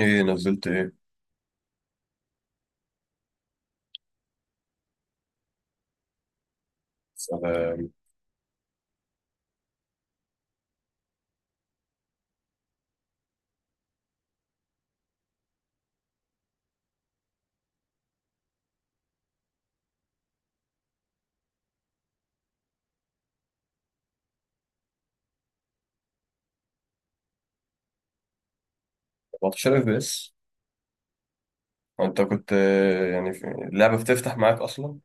ايه نزلت ايه؟ سلام. 14 بس. انت كنت، يعني في اللعبة بتفتح معاك اصلا؟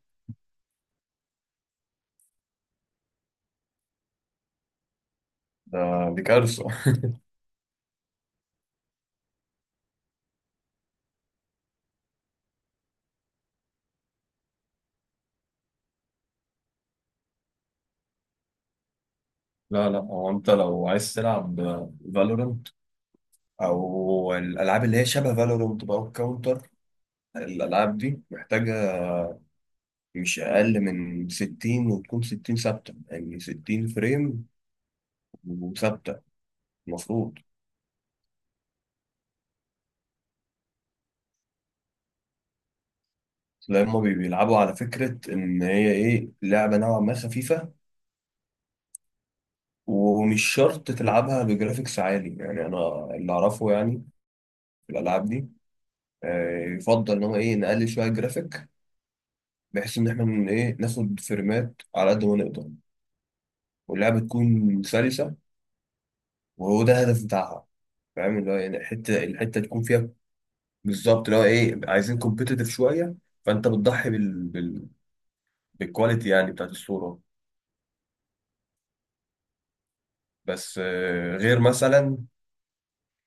ده دي كارثة. لا لا، هو انت لو عايز تلعب فالورنت او الالعاب اللي هي شبه فالورنت بقى والكاونتر، الالعاب دي محتاجة مش اقل من 60، وتكون 60 ثابتة، يعني 60 فريم وثابتة. المفروض تلاقي هما بيلعبوا على فكرة ان هي ايه، لعبة نوعا ما خفيفة، ومش شرط تلعبها بجرافيكس عالي. يعني انا اللي اعرفه يعني في الالعاب دي، يفضل ان هو ايه، نقلل شويه الجرافيك، بحيث ان احنا من ايه، ناخد فريمات على قد ما نقدر، واللعبه تكون سلسه، وهو ده الهدف بتاعها. فاهم اللي هو يعني، الحته تكون فيها بالظبط، اللي هو ايه، عايزين كومبيتيتيف شويه. فانت بتضحي بالكواليتي يعني، بتاعت الصوره. بس غير مثلا،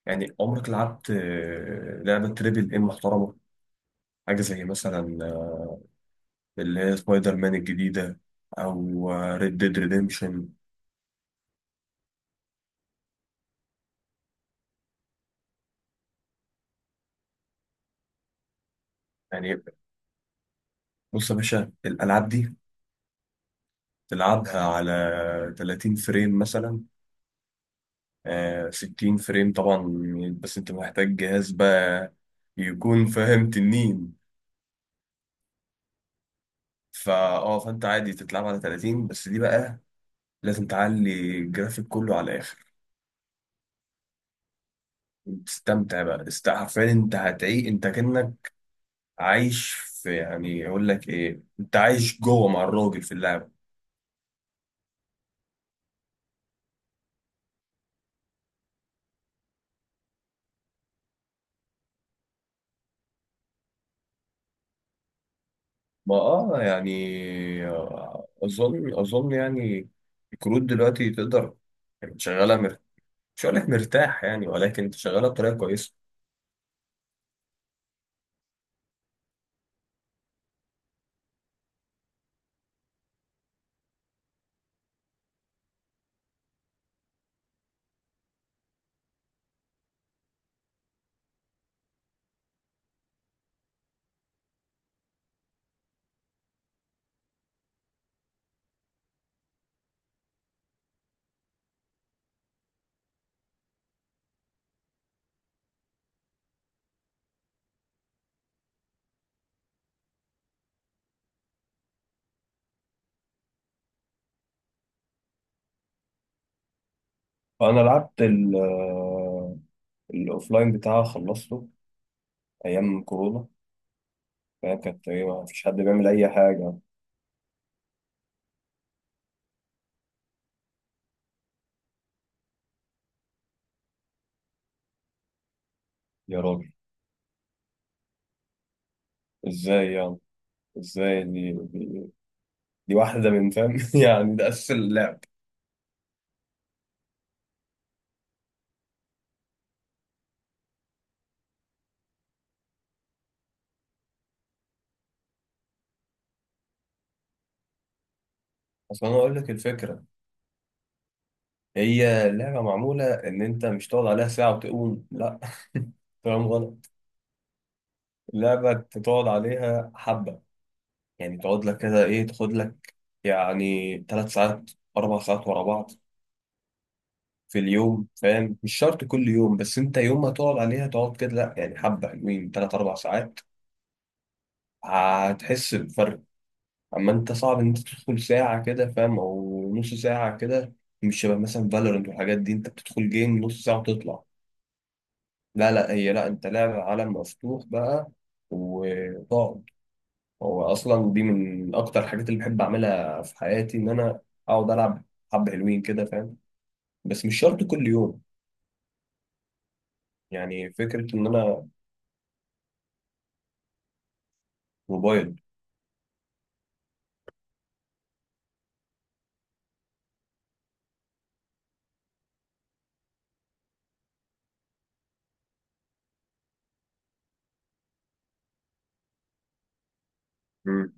يعني عمرك لعبت لعبه تريبل ام محترمه؟ حاجه زي مثلا اللي هي سبايدر مان الجديدة، أو ريد ديد ريديمشن. يعني بص يا باشا، الألعاب دي تلعبها على 30 فريم مثلا، آه 60 فريم طبعا، بس أنت محتاج جهاز بقى يكون فاهم، تنين. فا اه فأنت عادي تتلعب على 30، بس دي بقى لازم تعلي الجرافيك كله على الآخر، تستمتع بقى. حرفيا أنت هتعيق، أنت كأنك عايش في، يعني أقول لك إيه، أنت عايش جوه مع الراجل في اللعبة. ما اه يعني آه، اظن يعني الكروت دلوقتي تقدر، يعني شغاله مش هقول لك مرتاح يعني، ولكن شغاله بطريقه كويسه. فانا لعبت ال آه، الاوفلاين بتاعها، خلصته ايام كورونا، فهي كانت ايه، ما فيش حد بيعمل اي حاجه. يا راجل، ازاي يعني؟ ازاي؟ دي واحده من، فاهم، يعني ده اساس اللعب. اصل انا اقول لك الفكره، هي اللعبه معموله ان انت مش تقعد عليها ساعه وتقوم، لا، فاهم؟ غلط. اللعبة تقعد عليها حبة، يعني تقعد لك كده، إيه، تاخد لك يعني تلات ساعات، أربع ساعات ورا بعض في اليوم، فاهم؟ مش شرط كل يوم، بس أنت يوم ما تقعد عليها تقعد كده، لأ يعني حبة حلوين، تلات أربع ساعات، هتحس بفرق. أما أنت صعب إن أنت تدخل ساعة كده فاهم، أو نص ساعة كده، مش شبه مثلا فالورنت والحاجات دي، أنت بتدخل جيم نص ساعة وتطلع. لا لا، هي لا، أنت لعبة عالم مفتوح بقى، وتقعد، هو اصلا دي من اكتر الحاجات اللي بحب اعملها في حياتي، ان انا اقعد العب حبة حلوين كده، فاهم؟ بس مش شرط كل يوم. يعني فكرة ان انا، موبايل. مم.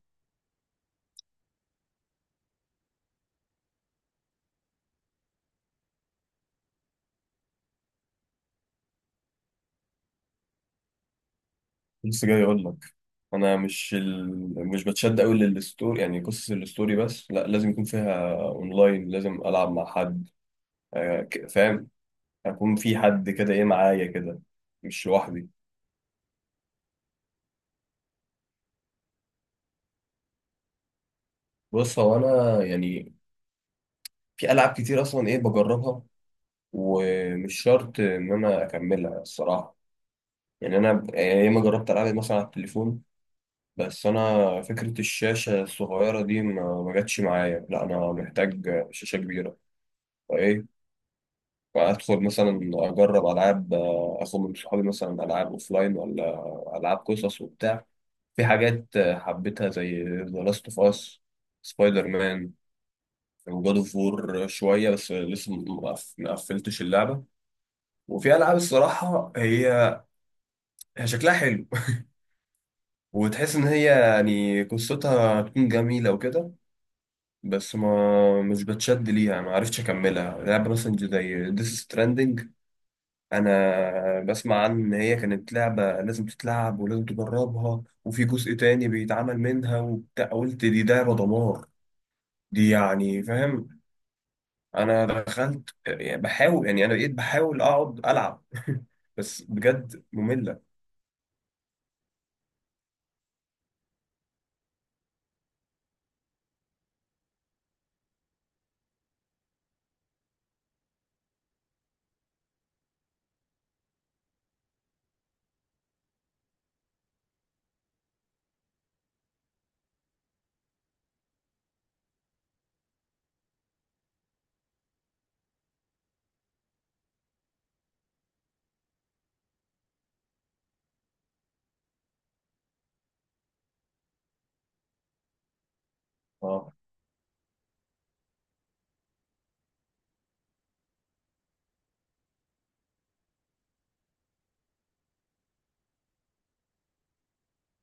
لسه جاي اقول لك، انا مش مش بتشد قوي للستوري، يعني قصص الستوري، بس لا، لازم يكون فيها اونلاين، لازم العب مع حد، فاهم، اكون في حد كده ايه معايا كده، مش لوحدي. بص هو انا يعني في العاب كتير اصلا ايه بجربها، ومش شرط ان انا اكملها الصراحة. يعني انا يعني ياما جربت العب مثلا على التليفون، بس انا فكره الشاشه الصغيره دي ما جاتش معايا، لا انا محتاج شاشه كبيره، فايه، فادخل مثلا اجرب العاب، اخد من صحابي مثلا العاب اوفلاين ولا العاب قصص وبتاع. في حاجات حبيتها زي ذا لاست اوف اس، سبايدر مان، وجاد اوف وور شويه، بس لسه ما قفلتش اللعبه. وفي العاب الصراحه هي شكلها حلو، وتحس ان هي يعني قصتها هتكون جميله وكده، بس ما مش بتشد ليها، ما عرفتش اكملها. لعبه مثلا زي ديس ستراندنج، انا بسمع عن ان هي كانت لعبه لازم تتلعب ولازم تجربها، وفي جزء تاني بيتعمل منها وبتاع، قلت دي لعبه دمار دي يعني، فاهم، انا دخلت يعني بحاول يعني، انا بقيت بحاول اقعد العب، بس بجد ممله. اه.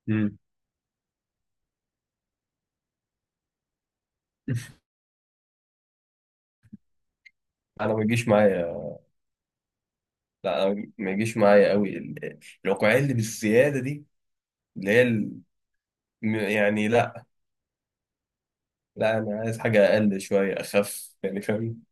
مم. انا ما بيجيش معايا. لا أنا ما يجيش معايا قوي الواقعية اللي بالزيادة دي، اللي هي لا، لا أنا عايز حاجة أقل شوية أخف، يعني فاهم.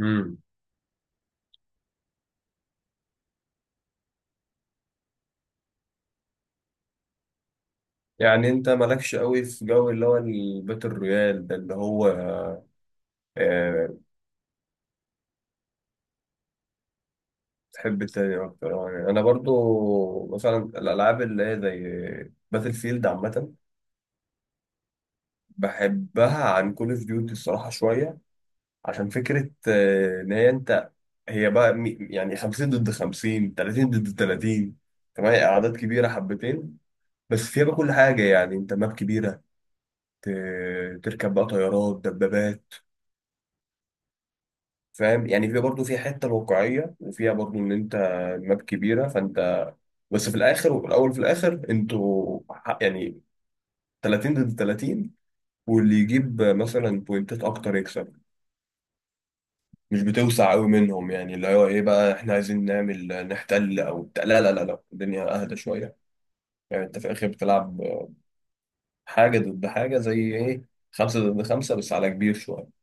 امم يعني أنت مالكش قوي في جو اللي هو البيت الرويال ده، اللي هو، آه، تحب التاني أكتر. يعني أنا برضو مثلا الألعاب اللي هي زي باتل فيلد عامة بحبها عن كول أوف ديوتي الصراحة شوية، عشان فكرة إن هي أنت، هي بقى يعني 50 ضد 50، 30 ضد 30، كمان اعداد كبيره حبتين. بس فيها بقى كل حاجه، يعني انت ماب كبيره، ت- تركب بقى طيارات، دبابات، فاهم؟ يعني فيها برضه فيها حته الواقعيه، وفيها برضه ان انت ماب كبيره فانت، بس في الاخر، وفي الاول في الاخر، انتوا يعني 30 ضد 30، واللي يجيب مثلا بوينتات اكتر يكسب. مش بتوسع قوي منهم، يعني اللي هو ايه بقى، احنا عايزين نعمل نحتل او بتاع. لا لا لا لا، الدنيا اهدى شويه، يعني انت في الاخر بتلعب حاجه ضد حاجه، زي ايه، خمسه ضد خمسه بس على كبير شويه.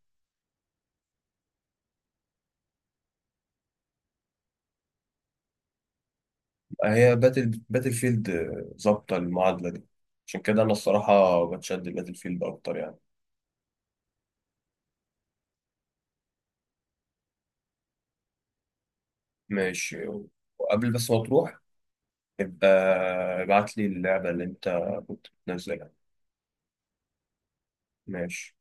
هي باتل فيلد ظابطه المعادله دي، عشان كده انا الصراحه بتشد باتل فيلد اكتر يعني. ماشي. وقبل بس ما تروح، ابقى ابعت لي اللعبه اللي انت كنت بتنزلها. ماشي.